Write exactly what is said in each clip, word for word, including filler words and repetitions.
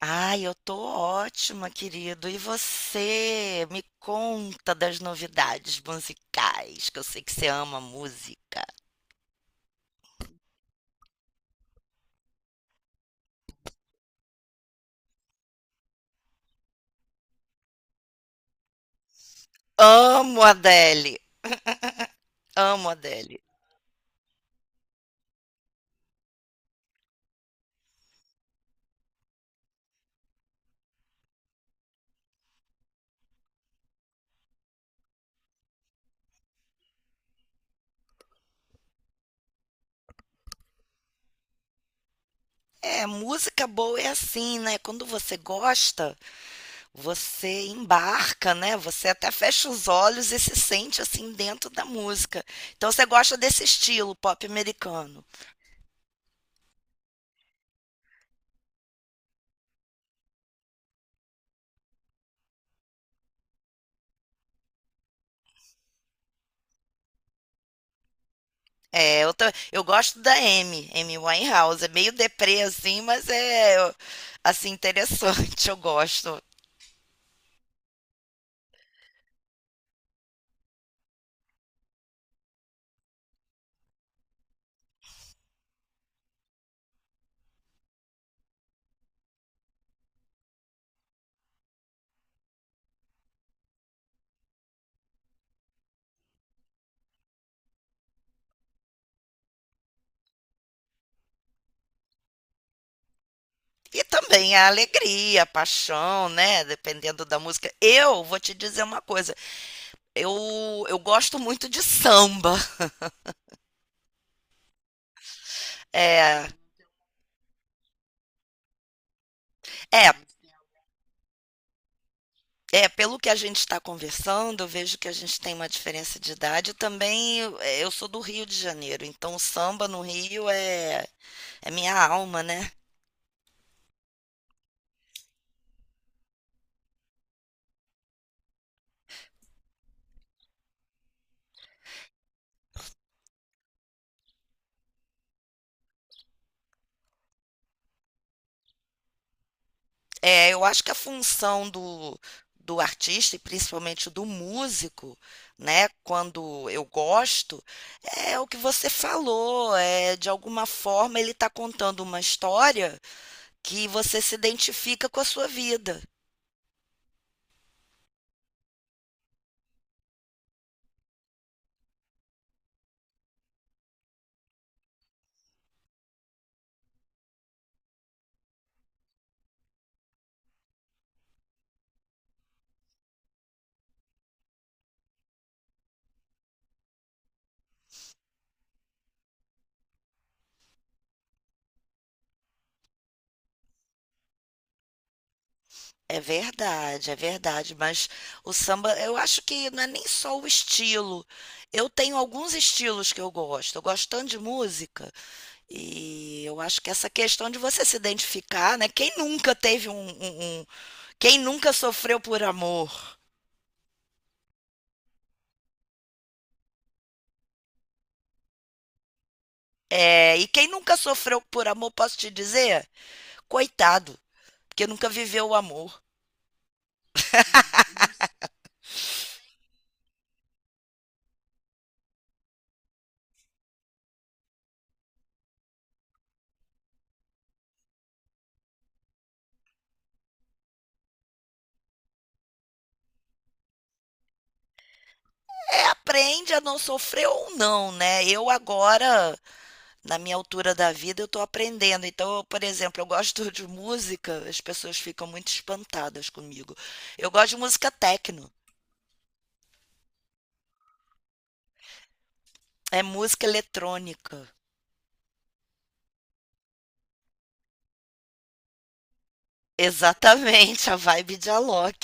Ai, eu tô ótima, querido. E você? Me conta das novidades musicais, que eu sei que você ama música. Amo Adele, amo Adele. É, música boa é assim, né? Quando você gosta, você embarca, né? Você até fecha os olhos e se sente assim dentro da música. Então você gosta desse estilo pop americano. É, eu, ta- eu gosto da Amy, Amy Winehouse. É meio deprê, assim, mas é, eu- assim, interessante, eu gosto. E também a alegria, a paixão, né? Dependendo da música. Eu vou te dizer uma coisa. Eu, eu gosto muito de samba. É, é, é, pelo que a gente está conversando, eu vejo que a gente tem uma diferença de idade. Também eu, eu sou do Rio de Janeiro, então o samba no Rio é, é minha alma, né? É, eu acho que a função do, do artista e principalmente do músico, né, quando eu gosto, é o que você falou, é de alguma forma ele está contando uma história que você se identifica com a sua vida. É verdade, é verdade, mas o samba, eu acho que não é nem só o estilo. Eu tenho alguns estilos que eu gosto. Eu gosto tanto de música. E eu acho que essa questão de você se identificar, né? Quem nunca teve um, um- um- Quem nunca sofreu por amor? É, e quem nunca sofreu por amor, posso te dizer, coitado, porque nunca viveu o amor. É, aprende a não sofrer ou não, né? Eu agora, na minha altura da vida, eu tô aprendendo. Então, eu, por exemplo, eu gosto de música, as pessoas ficam muito espantadas comigo. Eu gosto de música techno, é música eletrônica. Exatamente, a vibe de Alok.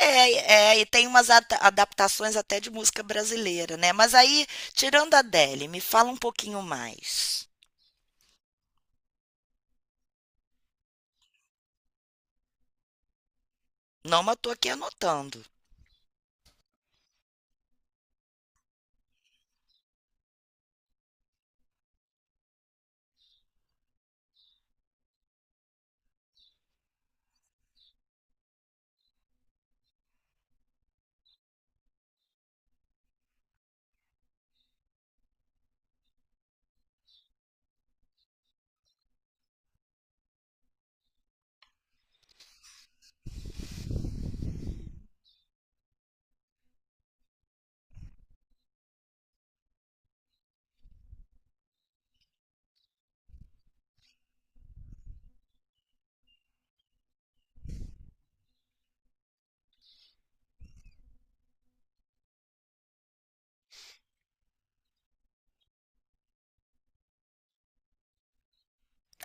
É, é, e tem umas ada- adaptações até de música brasileira, né? Mas aí, tirando a Adele, me fala um pouquinho mais. Não, mas eu tô aqui anotando.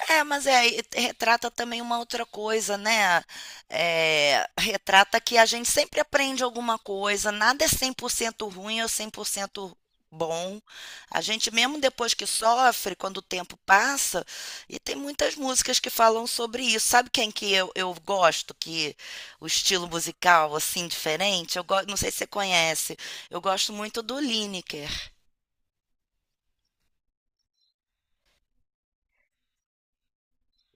É, mas é, e te- retrata também uma outra coisa, né? Eh, retrata que a gente sempre aprende alguma coisa, nada é cem por cento ruim ou cem por cento bom. A gente, mesmo depois que sofre, quando o tempo passa, e tem muitas músicas que falam sobre isso. Sabe quem que eu, eu gosto, que o estilo musical, assim, diferente? Eu go- não sei se você conhece, eu gosto muito do Lineker.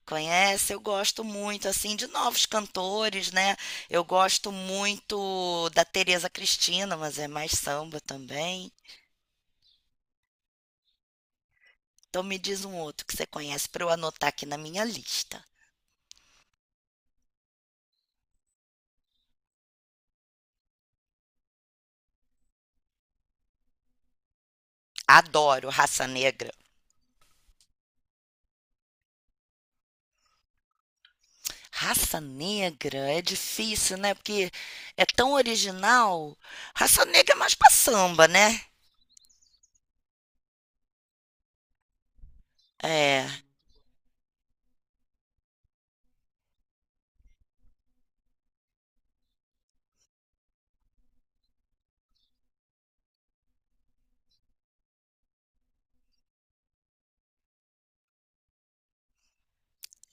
Conhece? Eu gosto muito, assim, de novos cantores, né? Eu gosto muito da Tereza Cristina, mas é mais samba também. Então me diz um outro que você conhece para eu anotar aqui na minha lista. Adoro Raça Negra. Raça Negra é difícil, né? Porque é tão original. Raça Negra é mais pra samba, né? É.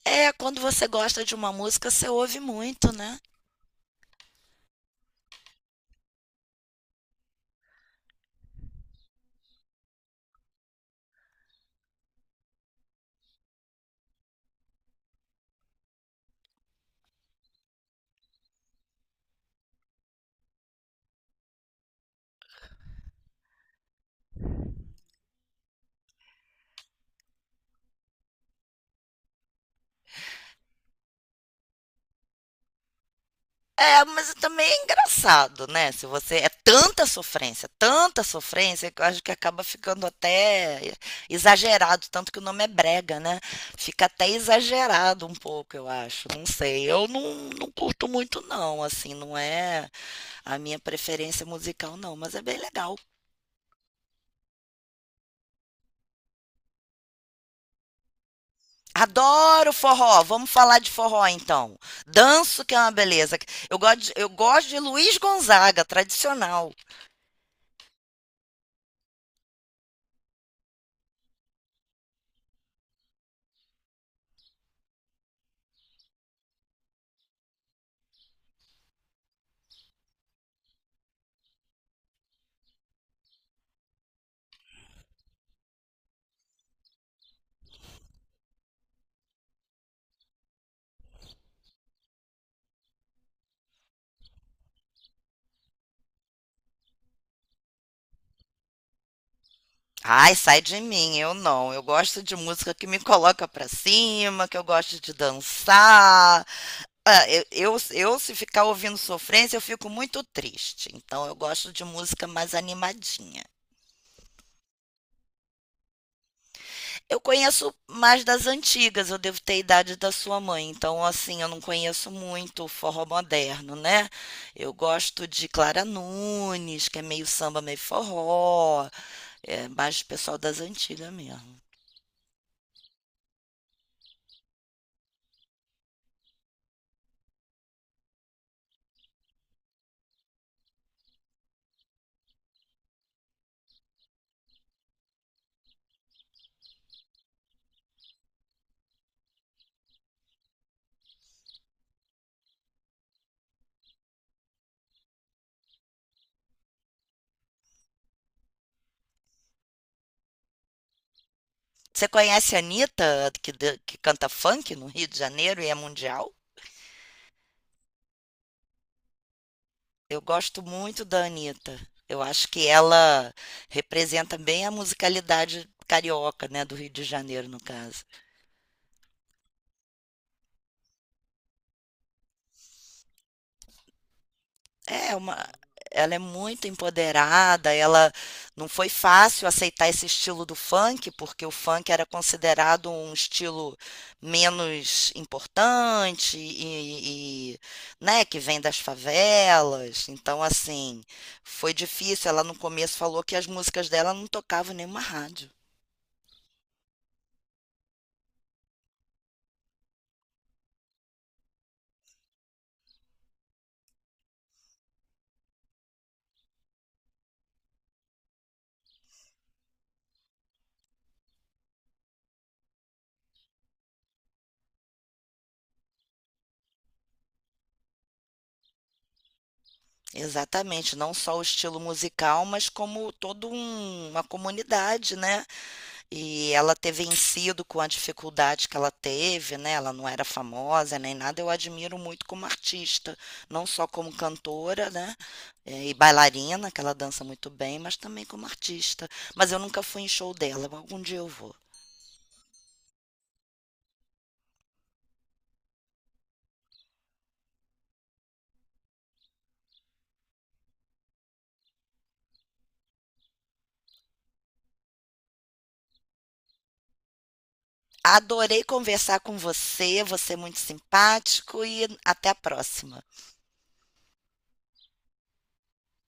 É, quando você gosta de uma música, você ouve muito, né? É, mas também é engraçado, né? Se você é tanta sofrência, tanta sofrência, que eu acho que acaba ficando até exagerado, tanto que o nome é brega, né? Fica até exagerado um pouco, eu acho. Não sei. Eu não, não curto muito, não, assim, não é a minha preferência musical, não, mas é bem legal. Adoro forró. Vamos falar de forró então. Danço que é uma beleza. Eu gosto de, eu gosto de Luiz Gonzaga, tradicional. Ai, sai de mim, eu não. Eu gosto de música que me coloca pra cima, que eu gosto de dançar. Ah, eu, eu, eu, se ficar ouvindo sofrência, eu fico muito triste. Então, eu gosto de música mais animadinha. Eu conheço mais das antigas, eu devo ter a idade da sua mãe. Então, assim, eu não conheço muito o forró moderno, né? Eu gosto de Clara Nunes, que é meio samba, meio forró. É mais pessoal das antigas mesmo. Você conhece a Anitta, que, dan- que canta funk no Rio de Janeiro e é mundial? Eu gosto muito da Anitta. Eu acho que ela representa bem a musicalidade carioca, né, do Rio de Janeiro, no caso. É uma, ela é muito empoderada, ela não foi fácil aceitar esse estilo do funk, porque o funk era considerado um estilo menos importante e, e, né, que vem das favelas. Então, assim, foi difícil. Ela no começo falou que as músicas dela não tocavam em nenhuma rádio. Exatamente, não só o estilo musical, mas como toda uma comunidade, né? E ela ter vencido com a dificuldade que ela teve, né? Ela não era famosa nem nada. Eu admiro muito como artista, não só como cantora, né? eh, E bailarina, que ela dança muito bem, mas também como artista. Mas eu nunca fui em show dela. Algum dia eu vou. Adorei conversar com você, você é muito simpático e até a próxima.